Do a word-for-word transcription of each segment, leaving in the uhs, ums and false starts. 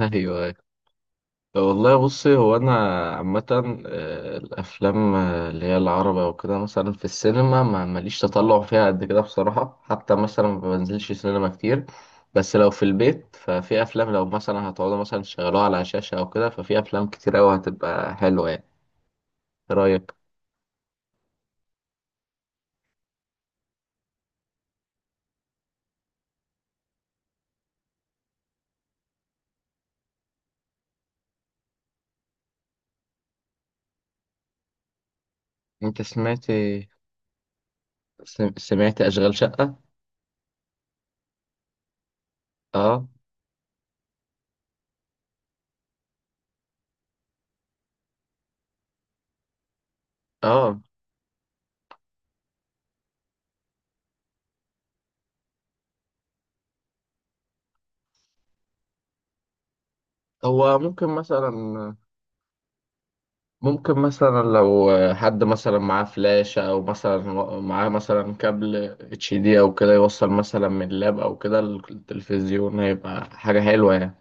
ايوه أيوه. طب والله بصي هو انا عامه آه، الافلام آه، اللي هي العربي او كده مثلا في السينما ما ماليش تطلع فيها قد كده بصراحه، حتى مثلا ما بنزلش سينما كتير. بس لو في البيت ففي افلام، لو مثلا هتقعدوا مثلا تشغلوها على شاشه او كده، ففي افلام كتير قوي هتبقى حلوه يعني. ايه رايك؟ انت سمعت، سمعت اشغال شقه؟ اه اه. هو ممكن مثلا، ممكن مثلا لو حد مثلا معاه فلاشة أو مثلا معاه مثلا كابل اتش دي أو كده، يوصل مثلا من اللاب أو كده التلفزيون، هيبقى حاجة حلوة يعني.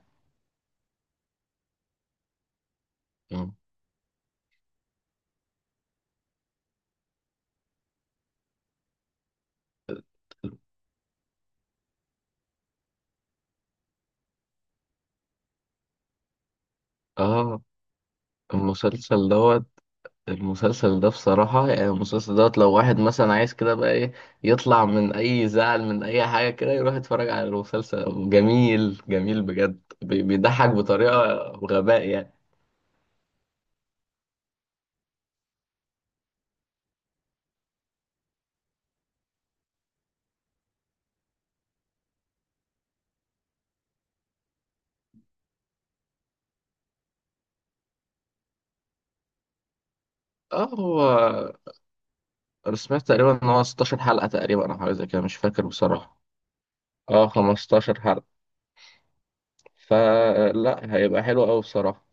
مم. اه. المسلسل دوت، المسلسل ده بصراحة يعني، المسلسل دوت لو واحد مثلا عايز كده بقى ايه يطلع من أي زعل من أي حاجة كده، يروح يتفرج على المسلسل. جميل جميل بجد، بي- بيضحك بطريقة غباء يعني. اه هو انا سمعت تقريبا ان هو ستاشر حلقة تقريبا او حاجة زي كده، مش فاكر بصراحة. اه خمستاشر حلقة، فلا هيبقى حلو قوي بصراحة.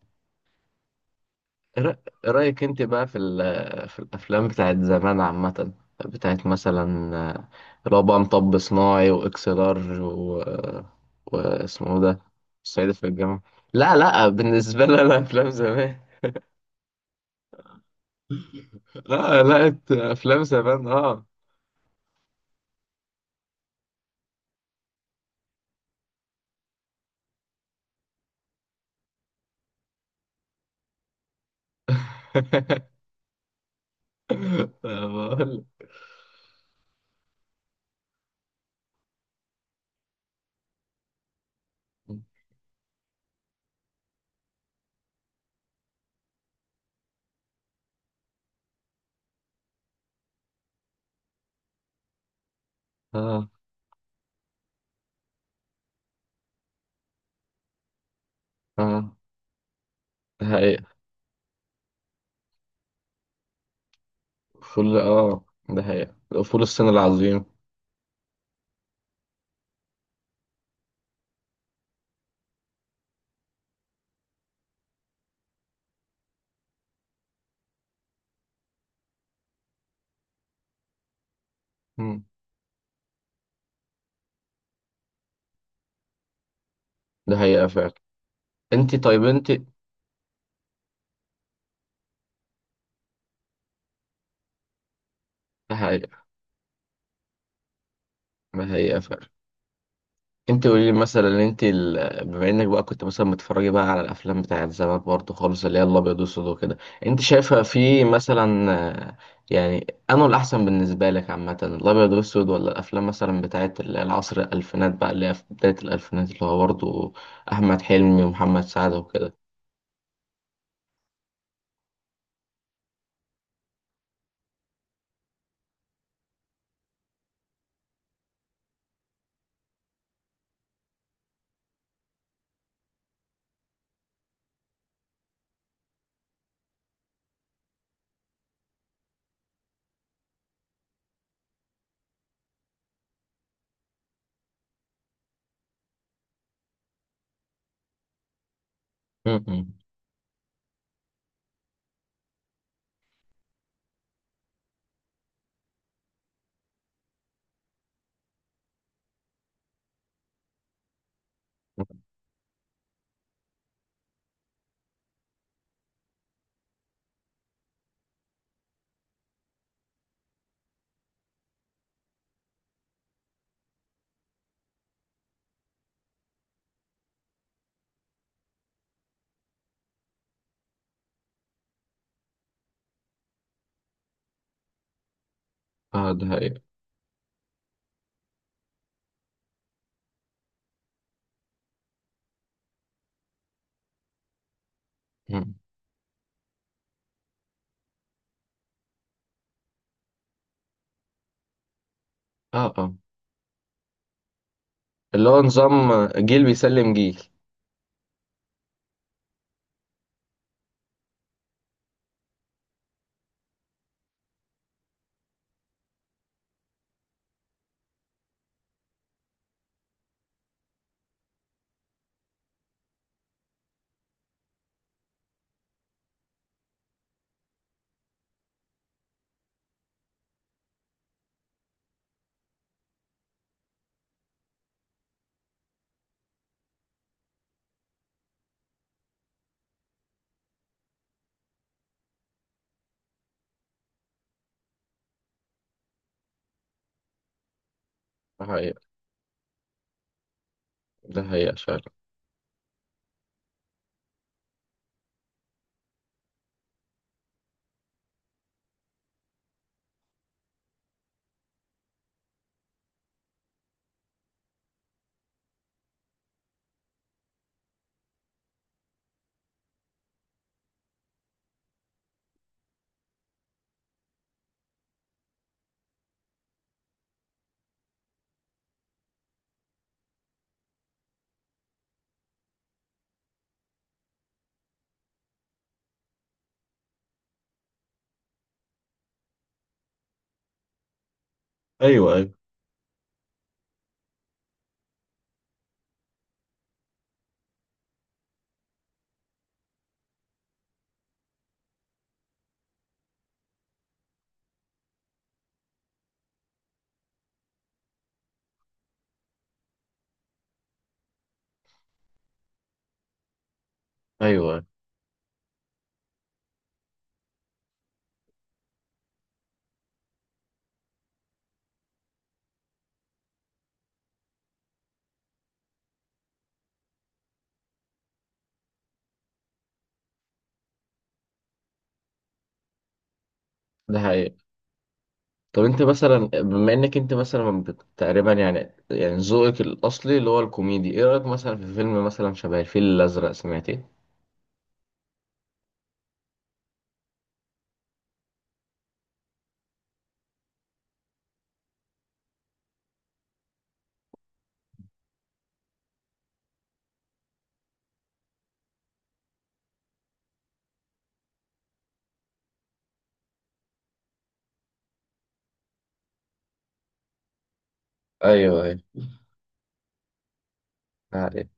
إيه رأ- إيه رأيك انت بقى في ال- في الافلام بتاعت زمان عامة، بتاعت مثلا آه، اللي هو بقى مطب صناعي واكس لارج و... واسمه ده الصعيدي في الجامعة. لا لا، بالنسبة لي انا افلام زمان. لا لا، افلام زمان اه. بقول اه اه، فول اه ده حقيقة، فول الصين العظيم. مم. ده حقيقة فعلا. انت طيب انت ده حقيقة، ده حقيقة فعلا. انت قولي لي مثلا، انت ال... بما انك بقى كنت مثلا بتتفرجي بقى على الافلام بتاعت زمان برضه خالص، اللي هي الابيض والاسود وكده، انت شايفه في مثلا آه، يعني انه الاحسن بالنسبه لك عامه الابيض والاسود، ولا الافلام مثلا بتاعت ال- العصر الالفينات بقى، اللي هي في بدايه الالفينات، اللي هو برضه احمد حلمي ومحمد سعد وكده؟ م- م. اه ده حقيقة. م. اه اه. اللي هو نظام جيل بيسلم جيل. ده حقيقة، ده حقيقة فعلا. ايوه ايوه. أيوة. ده حقيقة. طب أنت مثلا بما إنك أنت مثلا بت- تقريبا يعني، يعني ذوقك الأصلي اللي هو الكوميدي، إيه رأيك مثلا في فيلم مثلا شبه الفيل الأزرق؟ سمعت إيه؟ أيوة أيوة. ده حقيقة.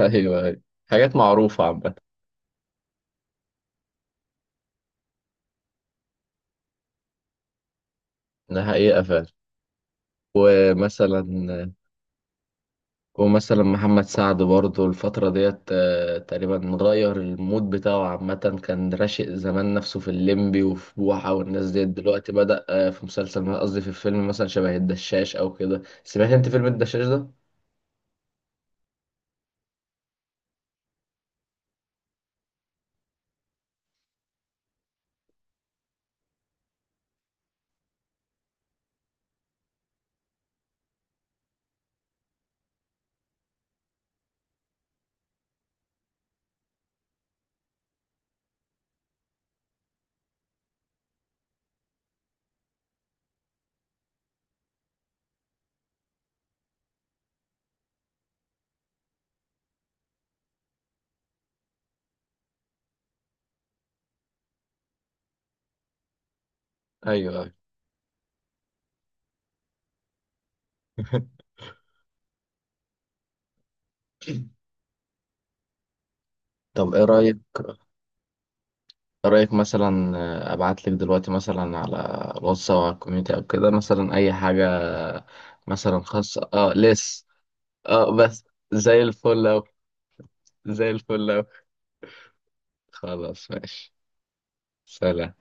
أيوة أيوة، حاجات معروفة عامة. ده حقيقة فعلا. مثلا، ومثلا محمد سعد برضه الفترة ديت آه، تقريبا غير المود بتاعه عامة، كان راشق زمان نفسه في الليمبي وفي بوحة والناس ديت، دلوقتي بدأ آه، في مسلسل، قصدي في الفيلم مثلا شبه الدشاش أو كده. سمعت أنت فيلم الدشاش ده؟ ايوه ايوه. طب إيه رأيك؟ إيه رأيك مثلا آه، أبعتلك دلوقتي مثلا على الواتس أو على الكوميونتي أو كده مثلا أي حاجة آه، مثلا خاصة أه لس، أه بس زي الفل أوي، زي الفل أوي. خلاص ماشي. سلام.